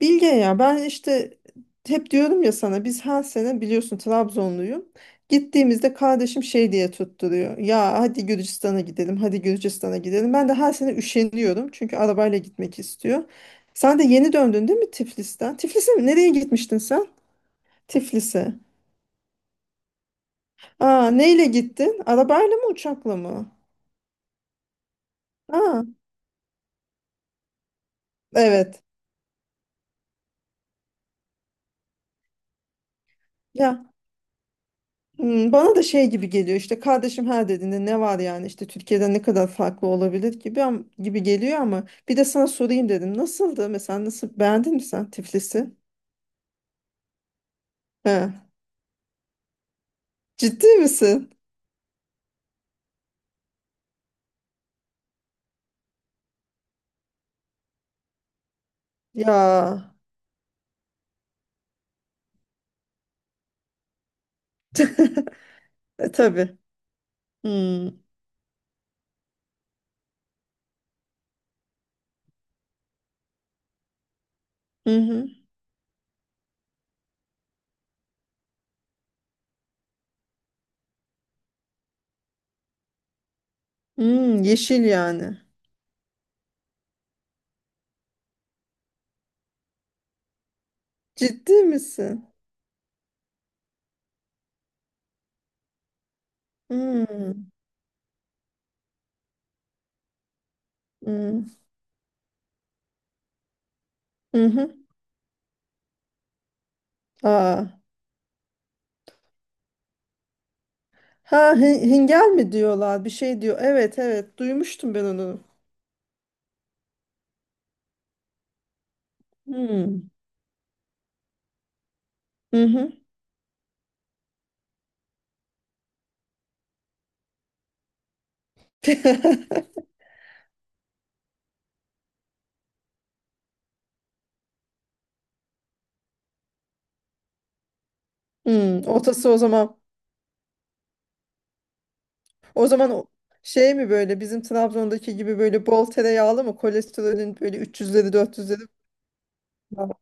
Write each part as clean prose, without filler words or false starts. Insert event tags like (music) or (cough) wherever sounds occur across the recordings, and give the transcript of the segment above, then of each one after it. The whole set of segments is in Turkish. Bilge ya ben işte hep diyorum ya sana biz her sene biliyorsun Trabzonluyum. Gittiğimizde kardeşim şey diye tutturuyor. Ya hadi Gürcistan'a gidelim, hadi Gürcistan'a gidelim. Ben de her sene üşeniyorum çünkü arabayla gitmek istiyor. Sen de yeni döndün değil mi Tiflis'ten? Tiflis'e mi? Nereye gitmiştin sen? Tiflis'e. Aa, neyle gittin? Arabayla mı uçakla mı? Aa, evet. Ya. Hmm, bana da şey gibi geliyor işte kardeşim her dediğinde ne var yani işte Türkiye'den ne kadar farklı olabilir gibi gibi geliyor ama bir de sana sorayım dedim. Nasıldı mesela nasıl beğendin mi sen Tiflis'i? He. Ciddi misin? Ya. (laughs) E, tabii. Hmm. Hı hı. Hmm, yeşil yani. Ciddi misin? Hmm. Hmm. Hı hı. Aa. Ha hingel mi diyorlar bir şey diyor. Evet, evet, duymuştum ben onu. Hmm. Hı hı. (laughs) Hmm, otası o zaman o zaman o- şey mi böyle bizim Trabzon'daki gibi böyle bol tereyağlı mı, kolesterolün böyle 300'leri 400'leri falan?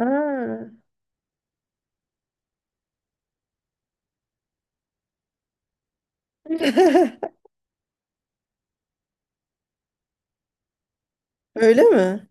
Aa, öyle mi?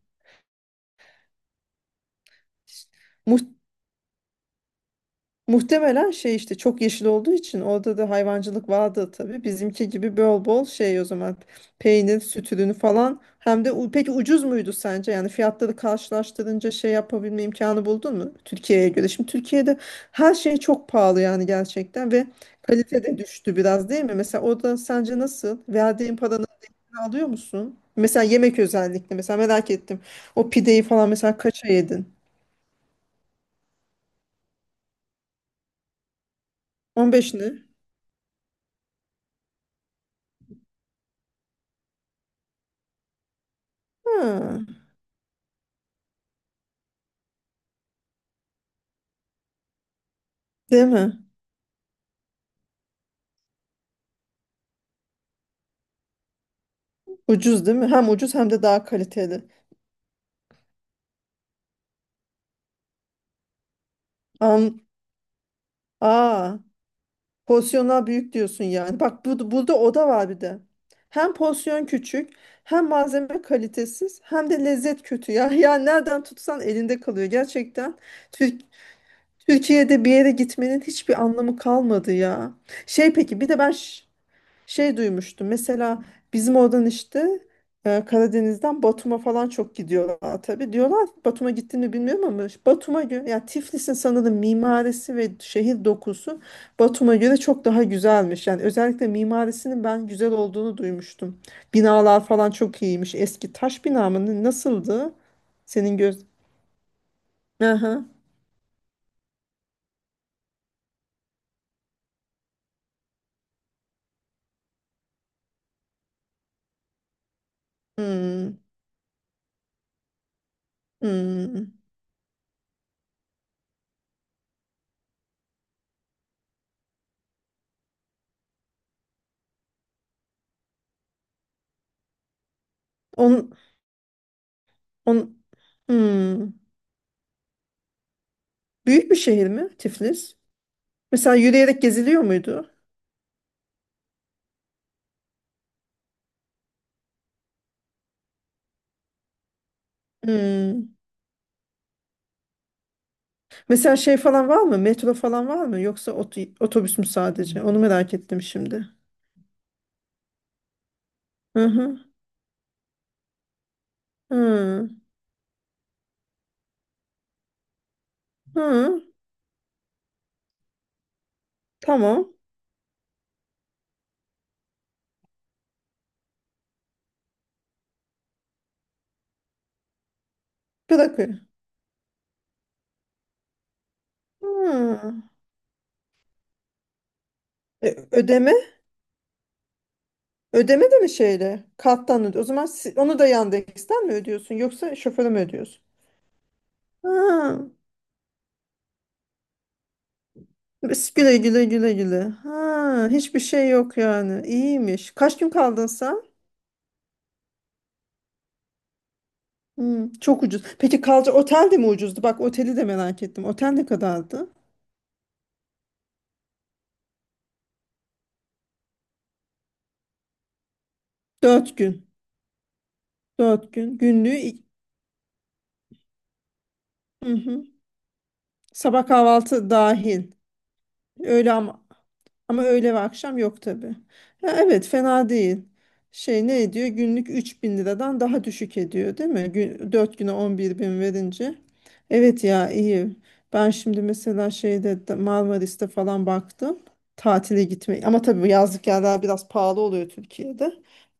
Muhtemelen şey işte çok yeşil olduğu için orada da hayvancılık vardı tabii. Bizimki gibi bol bol şey o zaman, peynir, süt ürünü falan. Hem de peki ucuz muydu sence? Yani fiyatları karşılaştırınca şey yapabilme imkanı buldun mu? Türkiye'ye göre. Şimdi Türkiye'de her şey çok pahalı yani gerçekten ve kalite de düştü biraz değil mi? Mesela orada sence nasıl? Verdiğin paranın değerini alıyor musun? Mesela yemek özellikle, mesela merak ettim. O pideyi falan mesela kaça yedin? 15 ne? Ha, değil mi? Ucuz değil mi? Hem ucuz hem de daha kaliteli. Am, aa, porsiyonlar büyük diyorsun yani. Bak bu, burada o da var bir de. Hem porsiyon küçük, hem malzeme kalitesiz, hem de lezzet kötü. Ya, (laughs) ya nereden tutsan elinde kalıyor. Gerçekten Tür- Türkiye'de bir yere gitmenin hiçbir anlamı kalmadı ya. Şey peki bir de şey duymuştum mesela bizim oradan işte Karadeniz'den Batum'a falan çok gidiyorlar tabii. Diyorlar ki, Batum'a gittiğini bilmiyorum ama işte Batum'a göre ya Tiflis'in sanırım mimarisi ve şehir dokusu Batum'a göre çok daha güzelmiş. Yani özellikle mimarisinin ben güzel olduğunu duymuştum. Binalar falan çok iyiymiş. Eski taş bina mı, nasıldı? Senin göz... Aha. Hmm. Hmm. On, on, hmm. Büyük bir şehir mi Tiflis? Mesela yürüyerek geziliyor muydu? Hmm. Mesela şey falan var mı? Metro falan var mı? Yoksa otobüs mü sadece? Onu merak ettim şimdi. Hı hı. Hı. Hı. Tamam. Bırakıyor. Hı. E, ödeme? Ödeme de mi şeyle? Karttan ödüyor. O zaman onu da Yandex'ten mi ödüyorsun? Yoksa şoföre mi ödüyorsun? Ha. Biz güle güle, güle güle. Ha. Hiçbir şey yok yani. İyiymiş. Kaç gün kaldın sen? Hmm, çok ucuz. Peki kalacak otel de mi ucuzdu? Bak oteli de merak ettim. Otel ne kadardı? Dört gün. Dört gün. Günlüğü. Hı hı. Sabah kahvaltı dahil. Öğle ama, ama öğle ve akşam yok tabii. Ya evet, fena değil. Şey ne ediyor? Günlük 3.000 liradan daha düşük ediyor değil mi? Gün, 4 güne 11 bin verince. Evet ya, iyi. Ben şimdi mesela Marmaris'te falan baktım. Tatile gitmeyi. Ama tabii bu yazlık yerler biraz pahalı oluyor Türkiye'de.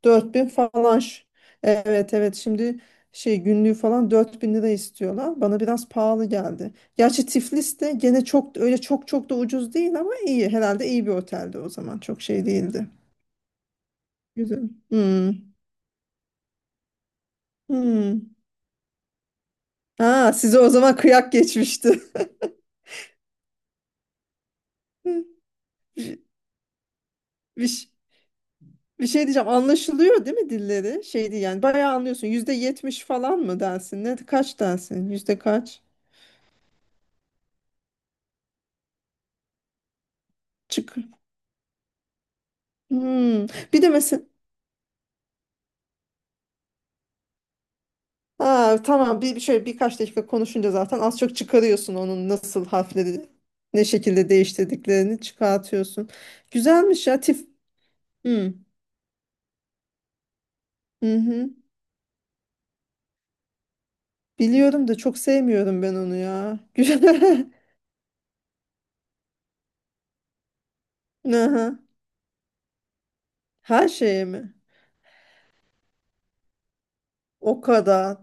Dört bin falan. Evet, evet, şimdi şey günlüğü falan 4.000 lira istiyorlar. Bana biraz pahalı geldi. Gerçi Tiflis de gene çok öyle çok çok da ucuz değil ama iyi. Herhalde iyi bir otelde o zaman. Çok şey değildi. Güzel. Hmm. Hmm. Ha, size o zaman kıyak geçmişti. (laughs) Bir, bir, bir şey diyeceğim. Anlaşılıyor değil mi dilleri? Şey değil yani. Bayağı anlıyorsun. %70 falan mı dersin? Ne, kaç dersin? Yüzde kaç? Çık. Hmm. Bir de mesela ha, tamam, bir şöyle birkaç dakika konuşunca zaten az çok çıkarıyorsun onun nasıl harfleri ne şekilde değiştirdiklerini çıkartıyorsun. Güzelmiş ya tif. Hı. Hı hı. Biliyorum da çok sevmiyorum ben onu ya. (laughs) Güzel. Aha. Her şeye mi? O kadar.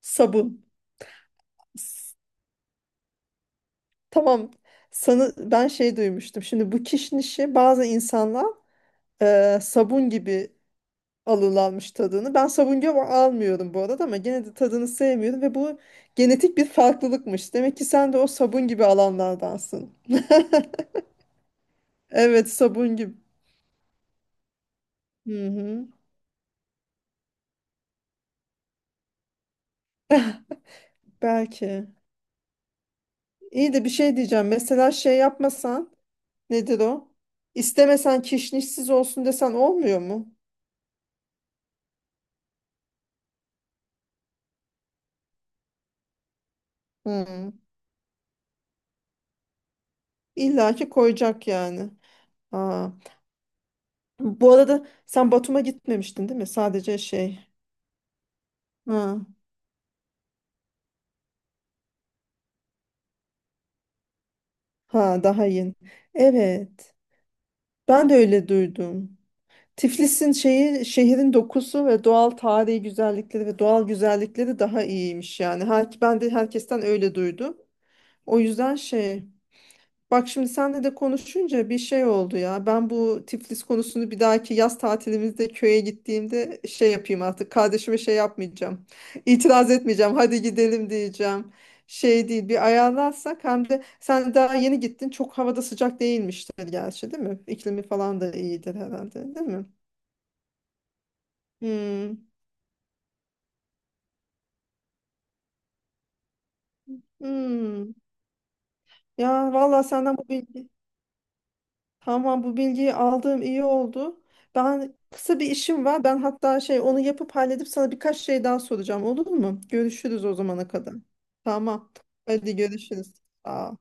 Sabun. S- tamam. Sana, ben şey duymuştum. Şimdi bu kişnişi bazı insanlar sabun gibi alırlarmış tadını. Ben savunga almıyorum bu arada ama gene de tadını sevmiyorum ve bu genetik bir farklılıkmış. Demek ki sen de o sabun gibi alanlardansın. Evet, sabun gibi. Hı hı. Belki. İyi, de bir şey diyeceğim. Mesela şey yapmasan, nedir o? İstemesen kişnişsiz olsun desen olmuyor mu? Hı. İlla ki koyacak yani. Aa. Bu arada sen Batum'a gitmemiştin değil mi? Sadece şey. Ha. Ha, daha yeni. Evet. Ben de öyle duydum. Tiflis'in şeyi, şehrin dokusu ve doğal tarihi güzellikleri ve doğal güzellikleri daha iyiymiş yani. Her, ben de herkesten öyle duydum. O yüzden şey, bak şimdi senle de konuşunca bir şey oldu ya. Ben bu Tiflis konusunu bir dahaki yaz tatilimizde köye gittiğimde şey yapayım artık. Kardeşime şey yapmayacağım. (laughs) İtiraz etmeyeceğim. Hadi gidelim diyeceğim. Şey değil, bir ayarlarsak hem de sen daha yeni gittin çok havada sıcak değilmiştir gerçi değil mi? İklimi falan da iyidir herhalde değil mi? Hmm. Hmm. Ya valla senden bu bilgi, tamam, bu bilgiyi aldığım iyi oldu. Ben kısa bir işim var. Ben hatta şey onu yapıp halledip sana birkaç şey daha soracağım, olur mu? Görüşürüz o zamana kadar. Tamam. Hadi görüşürüz. Aa.